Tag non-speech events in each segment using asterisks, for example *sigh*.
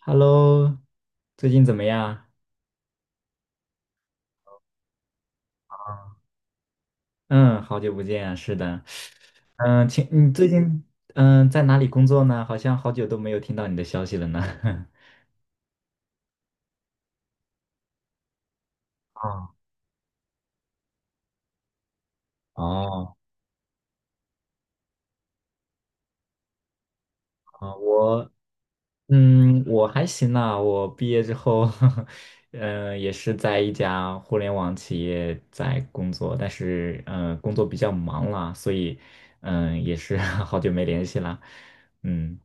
Hello，最近怎么样？嗯，好久不见啊，是的。请你最近在哪里工作呢？好像好久都没有听到你的消息了呢。*laughs* 啊，哦，啊，我还行啦，我毕业之后，*laughs* 也是在一家互联网企业在工作，但是工作比较忙啦，所以也是 *laughs* 好久没联系啦。嗯。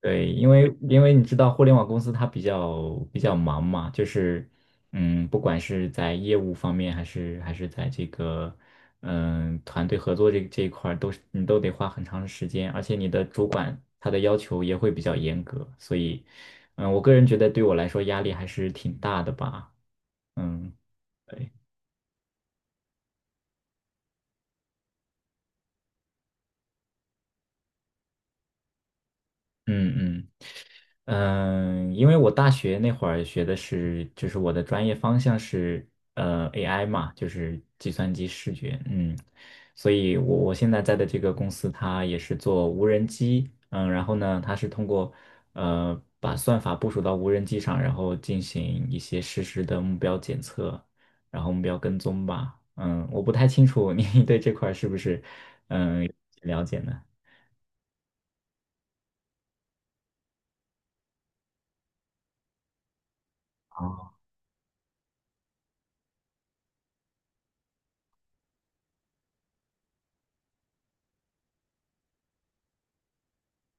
对，因为你知道互联网公司它比较忙嘛，就是，不管是在业务方面，还是在这个团队合作这一块儿，都是你都得花很长的时间，而且你的主管他的要求也会比较严格，所以，我个人觉得对我来说压力还是挺大的吧，嗯，对，嗯嗯。因为我大学那会儿学的是，就是我的专业方向是AI 嘛，就是计算机视觉，所以我现在在的这个公司，它也是做无人机，然后呢，它是通过把算法部署到无人机上，然后进行一些实时的目标检测，然后目标跟踪吧，我不太清楚你 *laughs* 对这块儿是不是嗯了解呢？哦，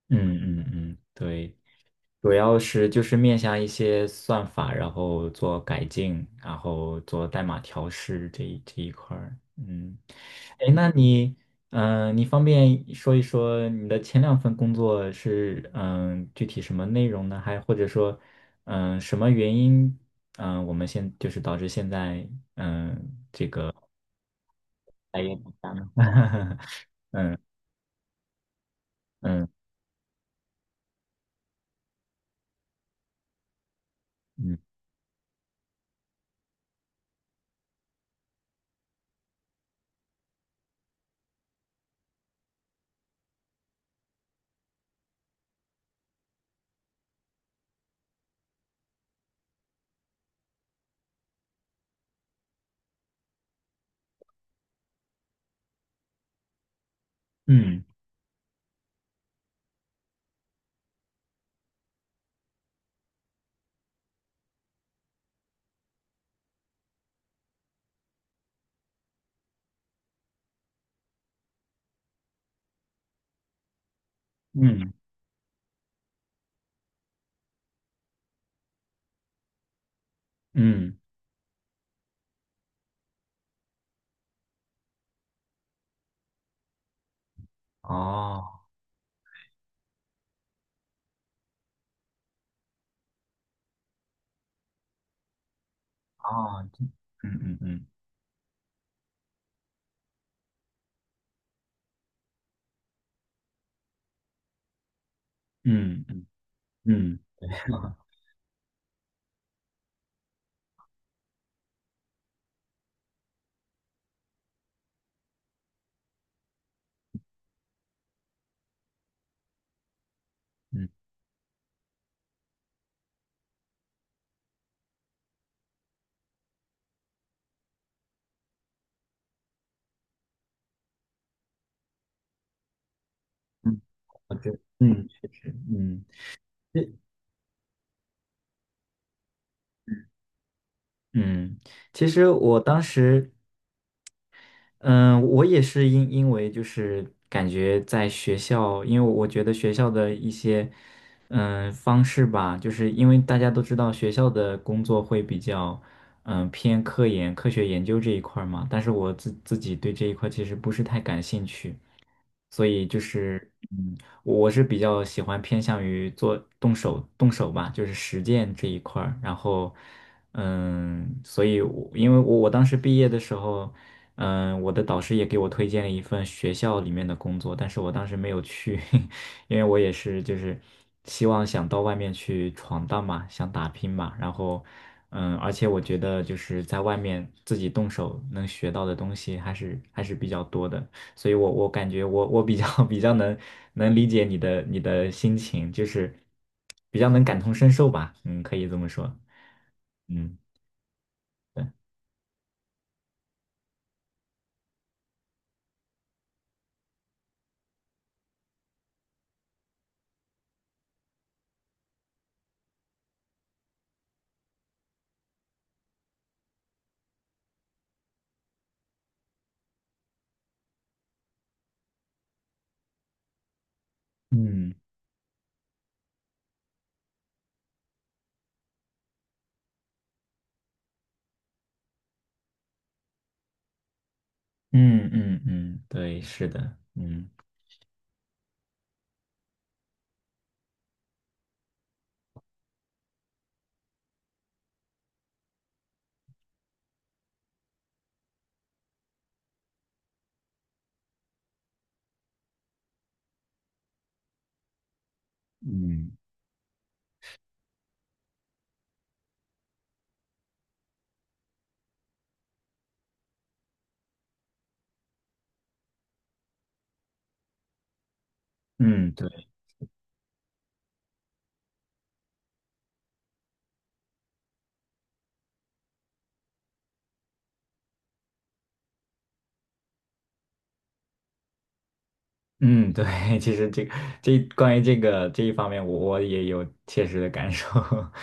嗯嗯嗯，对。主要是就是面向一些算法，然后做改进，然后做代码调试这一块儿。嗯，哎，那你，你方便说一说你的前两份工作是具体什么内容呢？还或者说，什么原因，我们就是导致现在嗯待业不佳呢？*laughs* 嗯嗯嗯嗯嗯嗯，哦哦，嗯嗯嗯嗯。嗯嗯，*laughs* 嗯嗯，我觉得确实，这嗯，其实我当时嗯，我也是因为就是感觉在学校，因为我觉得学校的一些方式吧，就是因为大家都知道学校的工作会比较偏科研、科学研究这一块儿嘛，但是我自己对这一块其实不是太感兴趣，所以就是，我是比较喜欢偏向于做动手动手吧，就是实践这一块儿，然后。所以我，因为我当时毕业的时候，我的导师也给我推荐了一份学校里面的工作，但是我当时没有去，*laughs* 因为我也是就是希望想到外面去闯荡嘛，想打拼嘛，然后，而且我觉得就是在外面自己动手能学到的东西还是比较多的，所以我感觉我比较 *laughs* 比较能理解你的心情，就是比较能感同身受吧，嗯，可以这么说，嗯。对。嗯嗯嗯嗯，对，是的，嗯嗯，嗯，对。嗯，对，*laughs* 其实这关于这个这一方面我也有切实的感受。*laughs*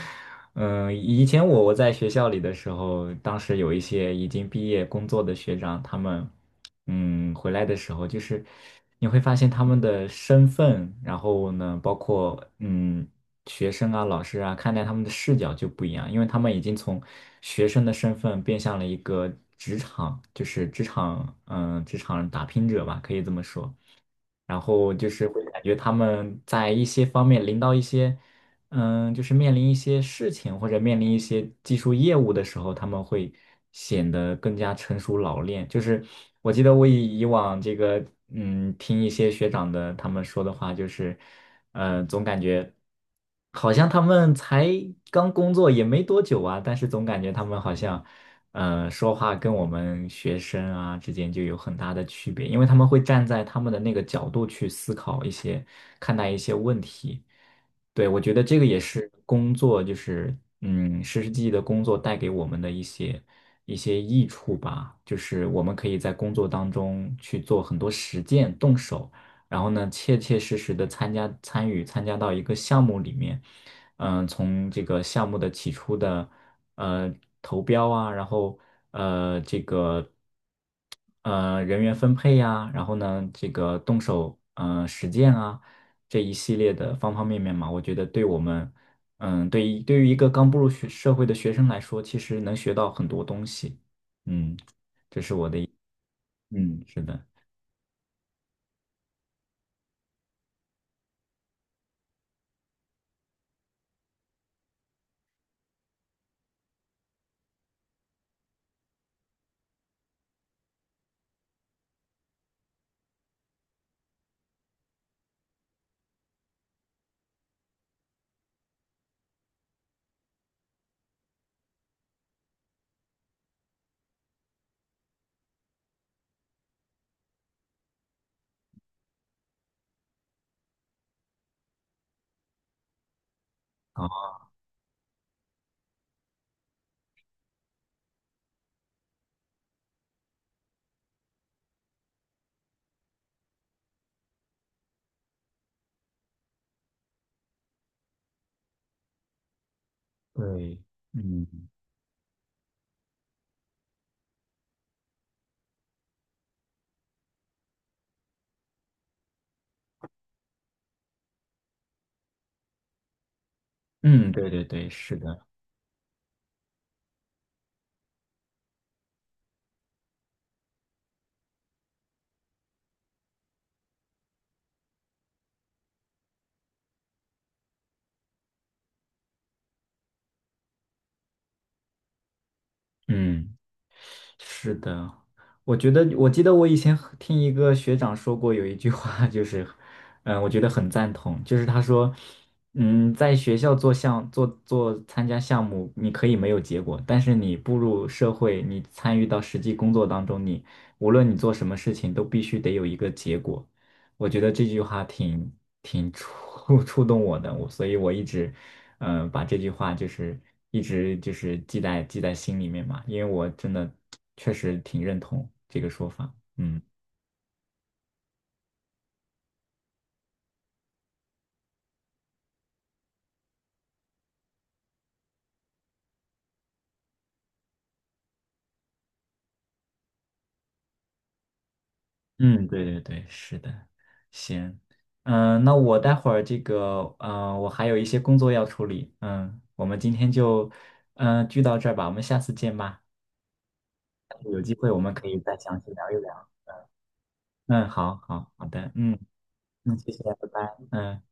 嗯，以前我在学校里的时候，当时有一些已经毕业工作的学长，他们回来的时候，就是你会发现他们的身份，然后呢，包括学生啊、老师啊，看待他们的视角就不一样，因为他们已经从学生的身份变向了一个职场，就是职场打拼者吧，可以这么说。然后就是会感觉他们在一些方面临到一些，就是面临一些事情或者面临一些技术业务的时候，他们会显得更加成熟老练。就是我记得我以往这个，听一些学长的他们说的话，就是。好像他们才刚工作也没多久啊，但是总感觉他们好像，说话跟我们学生啊之间就有很大的区别，因为他们会站在他们的那个角度去思考一些，看待一些问题。对，我觉得这个也是工作，就是实实际际的工作带给我们的一些益处吧，就是我们可以在工作当中去做很多实践，动手。然后呢，切切实实的参与参加到一个项目里面，从这个项目的起初的呃投标啊，然后这个人员分配呀、然后呢这个动手实践啊这一系列的方方面面嘛，我觉得对我们对于一个刚步入学社会的学生来说，其实能学到很多东西。嗯嗯，是的，对，嗯嗯，对对对，是的，嗯。是的，我觉得，我记得我以前和听一个学长说过有一句话，就是，我觉得很赞同，就是他说，在学校做项做做参加项目，你可以没有结果，但是你步入社会，你参与到实际工作当中，你无论你做什么事情，都必须得有一个结果。我觉得这句话挺*laughs* 触动我的，所以我一直，把这句话就是一直就是记在心里面嘛，因为我真的确实挺认同这个说法。嗯嗯，对对对，是的，行，那我待会儿这个，我还有一些工作要处理，我们今天就，聚到这儿吧，我们下次见吧，有机会我们可以再详细聊一聊。嗯，好好好的，嗯嗯，谢谢，拜拜，嗯。